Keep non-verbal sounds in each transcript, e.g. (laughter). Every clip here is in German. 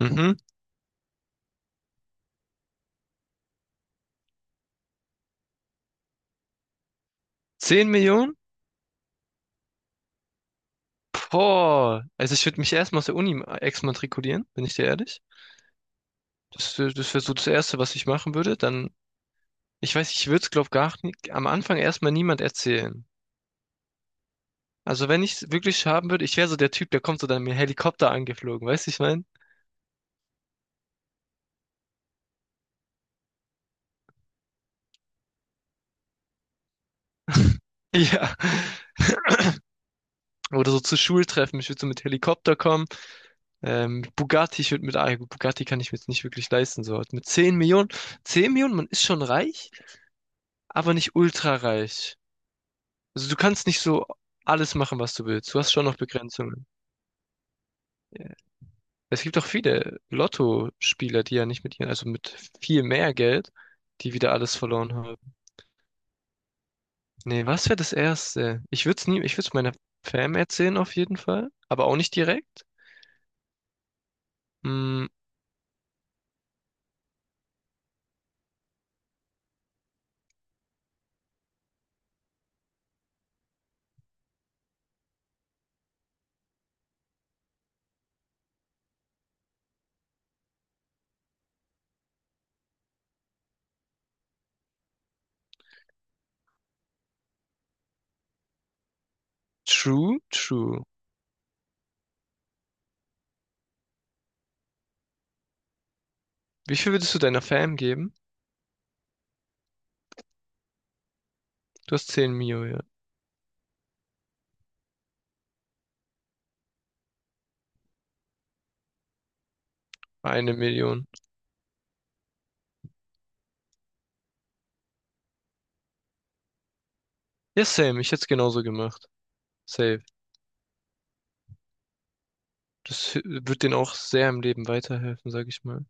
Mhm. Zehn Millionen? Boah. Also ich würde mich erstmal aus der Uni exmatrikulieren, bin ich dir ehrlich. Das wäre so das Erste, was ich machen würde. Dann, ich weiß, ich würde es, glaube ich, gar nicht am Anfang erstmal niemand erzählen. Also wenn ich es wirklich haben würde, ich wäre so der Typ, der kommt so dann mit dem Helikopter angeflogen, weißt du, ich mein? (laughs) Ja. Oder so zu Schultreffen, ich würde so mit Helikopter kommen. Mit Bugatti, ich würde mit, ja gut, Bugatti kann ich mir jetzt nicht wirklich leisten, so. Mit 10 Millionen, man ist schon reich, aber nicht ultra reich. Also du kannst nicht so alles machen, was du willst. Du hast schon noch Begrenzungen. Ja. Es gibt auch viele Lottospieler, die ja nicht mit ihren, also mit viel mehr Geld, die wieder alles verloren haben. Nee, was wäre das Erste? Ich würde es nie, Ich würde es meiner Fam erzählen auf jeden Fall, aber auch nicht direkt. Mm, true, true. Wie viel würdest du deiner Fam geben? Du hast 10 Mio, ja. Eine Million. Ja, same. Ich hätte es genauso gemacht. Safe. Wird denen auch sehr im Leben weiterhelfen, sag ich mal.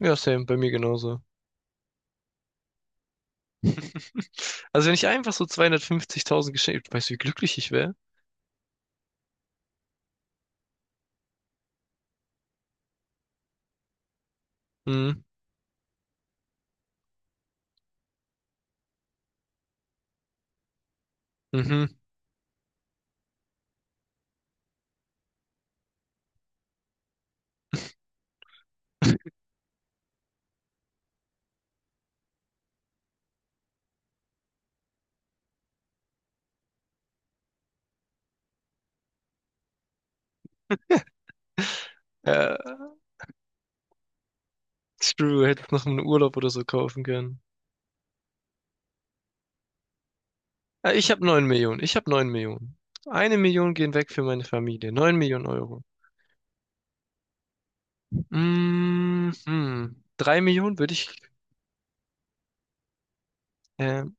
Ja, same. Bei mir genauso. (laughs) Also wenn ich einfach so 250.000 geschenkt, weißt du, wie glücklich ich wäre? Mhm. Mhm. (laughs) Äh, Screw, hätte ich noch einen Urlaub oder so kaufen können. Ich habe neun Millionen. Ich habe 9 Millionen. Eine Million gehen weg für meine Familie. 9 Millionen Euro. Mhm. 3 Millionen würde ich. Ähm,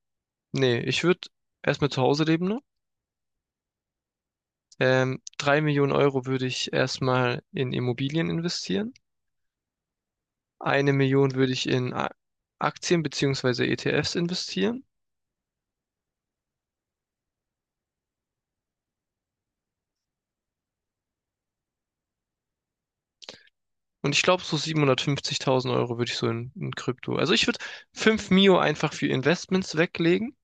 Ich würde erstmal zu Hause leben noch. 3 Millionen Euro würde ich erstmal in Immobilien investieren. Eine Million würde ich in Aktien beziehungsweise ETFs investieren. Und ich glaube, so 750.000 Euro würde ich so in Krypto. Also ich würde 5 Mio einfach für Investments weglegen.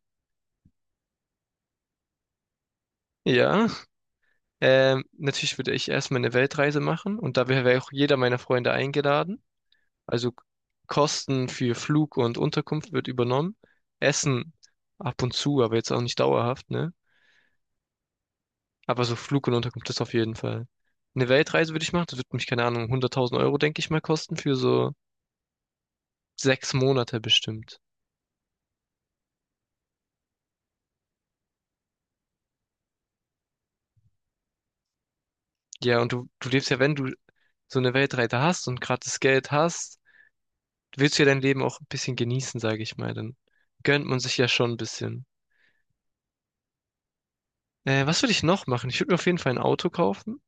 Ja. Natürlich würde ich erstmal eine Weltreise machen und da wäre wär auch jeder meiner Freunde eingeladen. Also Kosten für Flug und Unterkunft wird übernommen. Essen ab und zu, aber jetzt auch nicht dauerhaft, ne? Aber so Flug und Unterkunft ist auf jeden Fall. Eine Weltreise würde ich machen. Das wird mich, keine Ahnung, 100.000 Euro, denke ich mal, kosten für so sechs Monate bestimmt. Ja, und du lebst ja, wenn du so eine Weltreise hast und gerade das Geld hast, willst du ja dein Leben auch ein bisschen genießen, sage ich mal. Dann gönnt man sich ja schon ein bisschen. Was würde ich noch machen? Ich würde mir auf jeden Fall ein Auto kaufen.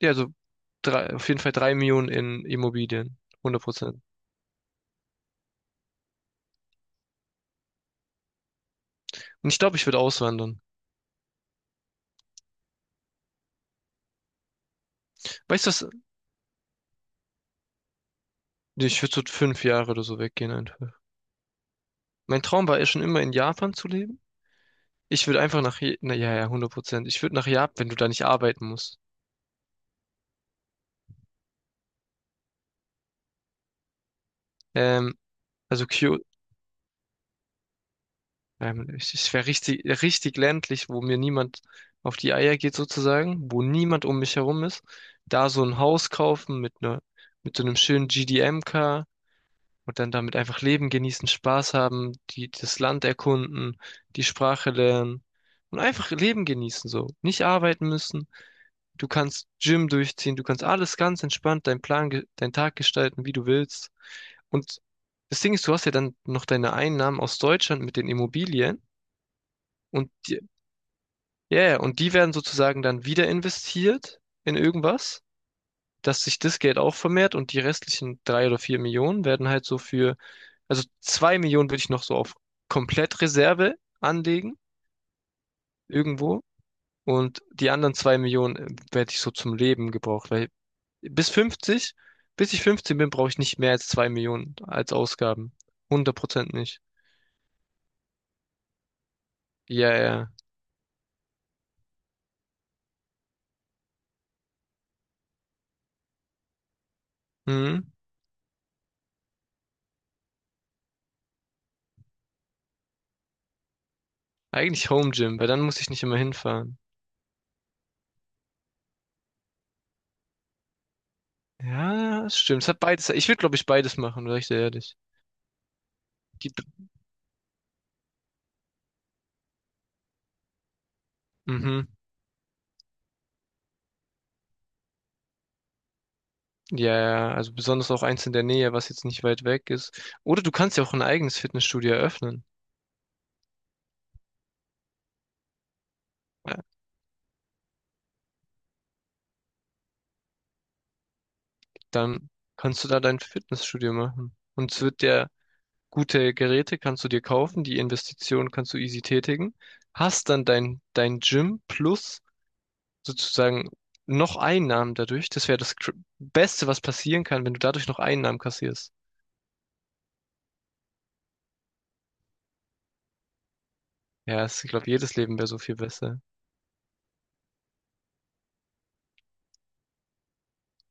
Ja, also auf jeden Fall drei Millionen in Immobilien. 100%. Und ich glaube, ich würde auswandern. Weißt du was? Nee, ich würde so fünf Jahre oder so weggehen einfach. Mein Traum war ja schon immer in Japan zu leben. Ich würde einfach nach, Je- na ja, Ja, 100%. Ich würde nach Japan, wenn du da nicht arbeiten musst. Ähm, also Kyoto. Ich wäre richtig, richtig ländlich, wo mir niemand auf die Eier geht sozusagen, wo niemand um mich herum ist. Da so ein Haus kaufen mit ne, mit so einem schönen GDM-Car und dann damit einfach leben, genießen, Spaß haben, das Land erkunden, die Sprache lernen und einfach Leben genießen so. Nicht arbeiten müssen. Du kannst Gym durchziehen, du kannst alles ganz entspannt, deinen Tag gestalten, wie du willst. Und das Ding ist, du hast ja dann noch deine Einnahmen aus Deutschland mit den Immobilien. Und die, ja, ja, und die werden sozusagen dann wieder investiert in irgendwas, dass sich das Geld auch vermehrt, und die restlichen drei oder vier Millionen werden halt so für, also zwei Millionen würde ich noch so auf Komplettreserve anlegen, irgendwo. Und die anderen zwei Millionen werde ich so zum Leben gebraucht, weil bis 50, bis ich 15 bin, brauche ich nicht mehr als zwei Millionen als Ausgaben. 100% nicht. Ja, ja. Hm? Eigentlich Home Gym, weil dann muss ich nicht immer hinfahren. Ja, das stimmt. Es hat beides. Ich würde, glaube ich, beides machen, sag ich dir ehrlich. Die, mhm. Ja. Also besonders auch eins in der Nähe, was jetzt nicht weit weg ist. Oder du kannst ja auch ein eigenes Fitnessstudio eröffnen. Ja, dann kannst du da dein Fitnessstudio machen. Und es wird dir gute Geräte kannst du dir kaufen, die Investition kannst du easy tätigen. Hast dann dein, dein Gym plus sozusagen noch Einnahmen dadurch. Das wäre das Beste, was passieren kann, wenn du dadurch noch Einnahmen kassierst. Ich glaube, jedes Leben wäre so viel besser.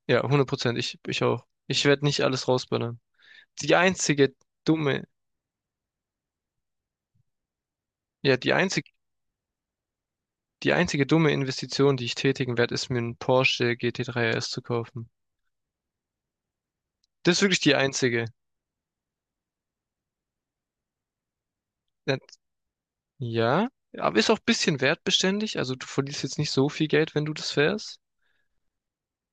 Ja, hundert Prozent. Ich auch. Ich werde nicht alles rausballern. Die einzige dumme, ja, die einzig, Die einzige dumme Investition, die ich tätigen werde, ist mir einen Porsche GT3 RS zu kaufen. Das ist wirklich die einzige. Ja, ja, aber ist auch ein bisschen wertbeständig. Also du verlierst jetzt nicht so viel Geld, wenn du das fährst.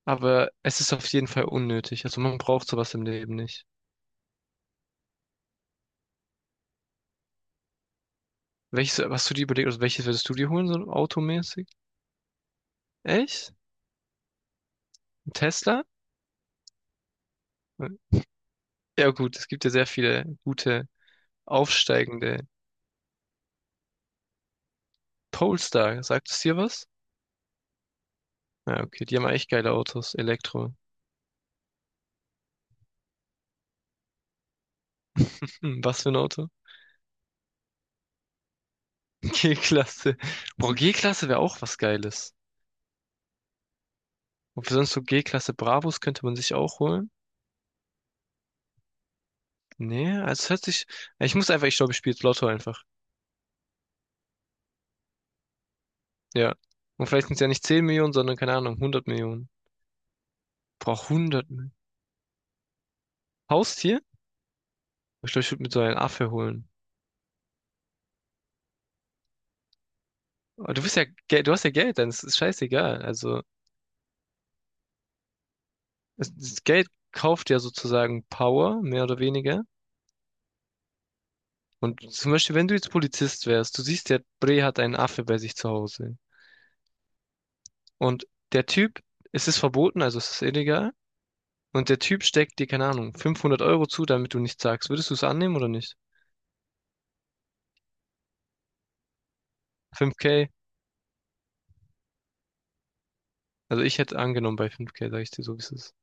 Aber es ist auf jeden Fall unnötig. Also man braucht sowas im Leben nicht. Welches, hast du dir überlegt, also welches würdest du dir holen, so automäßig? Echt? Ein Tesla? Ja gut, es gibt ja sehr viele gute aufsteigende Polestar, sagt es dir was? Ja, okay, die haben echt geile Autos. Elektro. Hm, was für ein Auto? (laughs) G-Klasse. Boah, G-Klasse wäre auch was Geiles. Ob wir sonst so G-Klasse Bravos könnte man sich auch holen? Nee, also es hört sich. Ich muss einfach, ich glaube, ich spiele jetzt Lotto einfach. Ja. Und vielleicht sind es ja nicht 10 Millionen, sondern keine Ahnung, hundert Millionen. Brauch hundert Millionen. Haustier? Ich glaube, ich würde mir so einen Affe holen. Aber du bist ja, du hast ja Geld, dann ist es scheißegal. Also, das Geld kauft ja sozusagen Power, mehr oder weniger. Und zum Beispiel, wenn du jetzt Polizist wärst, du siehst, der Bre hat einen Affe bei sich zu Hause. Und der Typ, es ist verboten, also es ist illegal. Und der Typ steckt dir, keine Ahnung, 500 Euro zu, damit du nichts sagst. Würdest du es annehmen oder nicht? 5K? Also ich hätte angenommen bei 5K, sag ich dir so, wie es ist.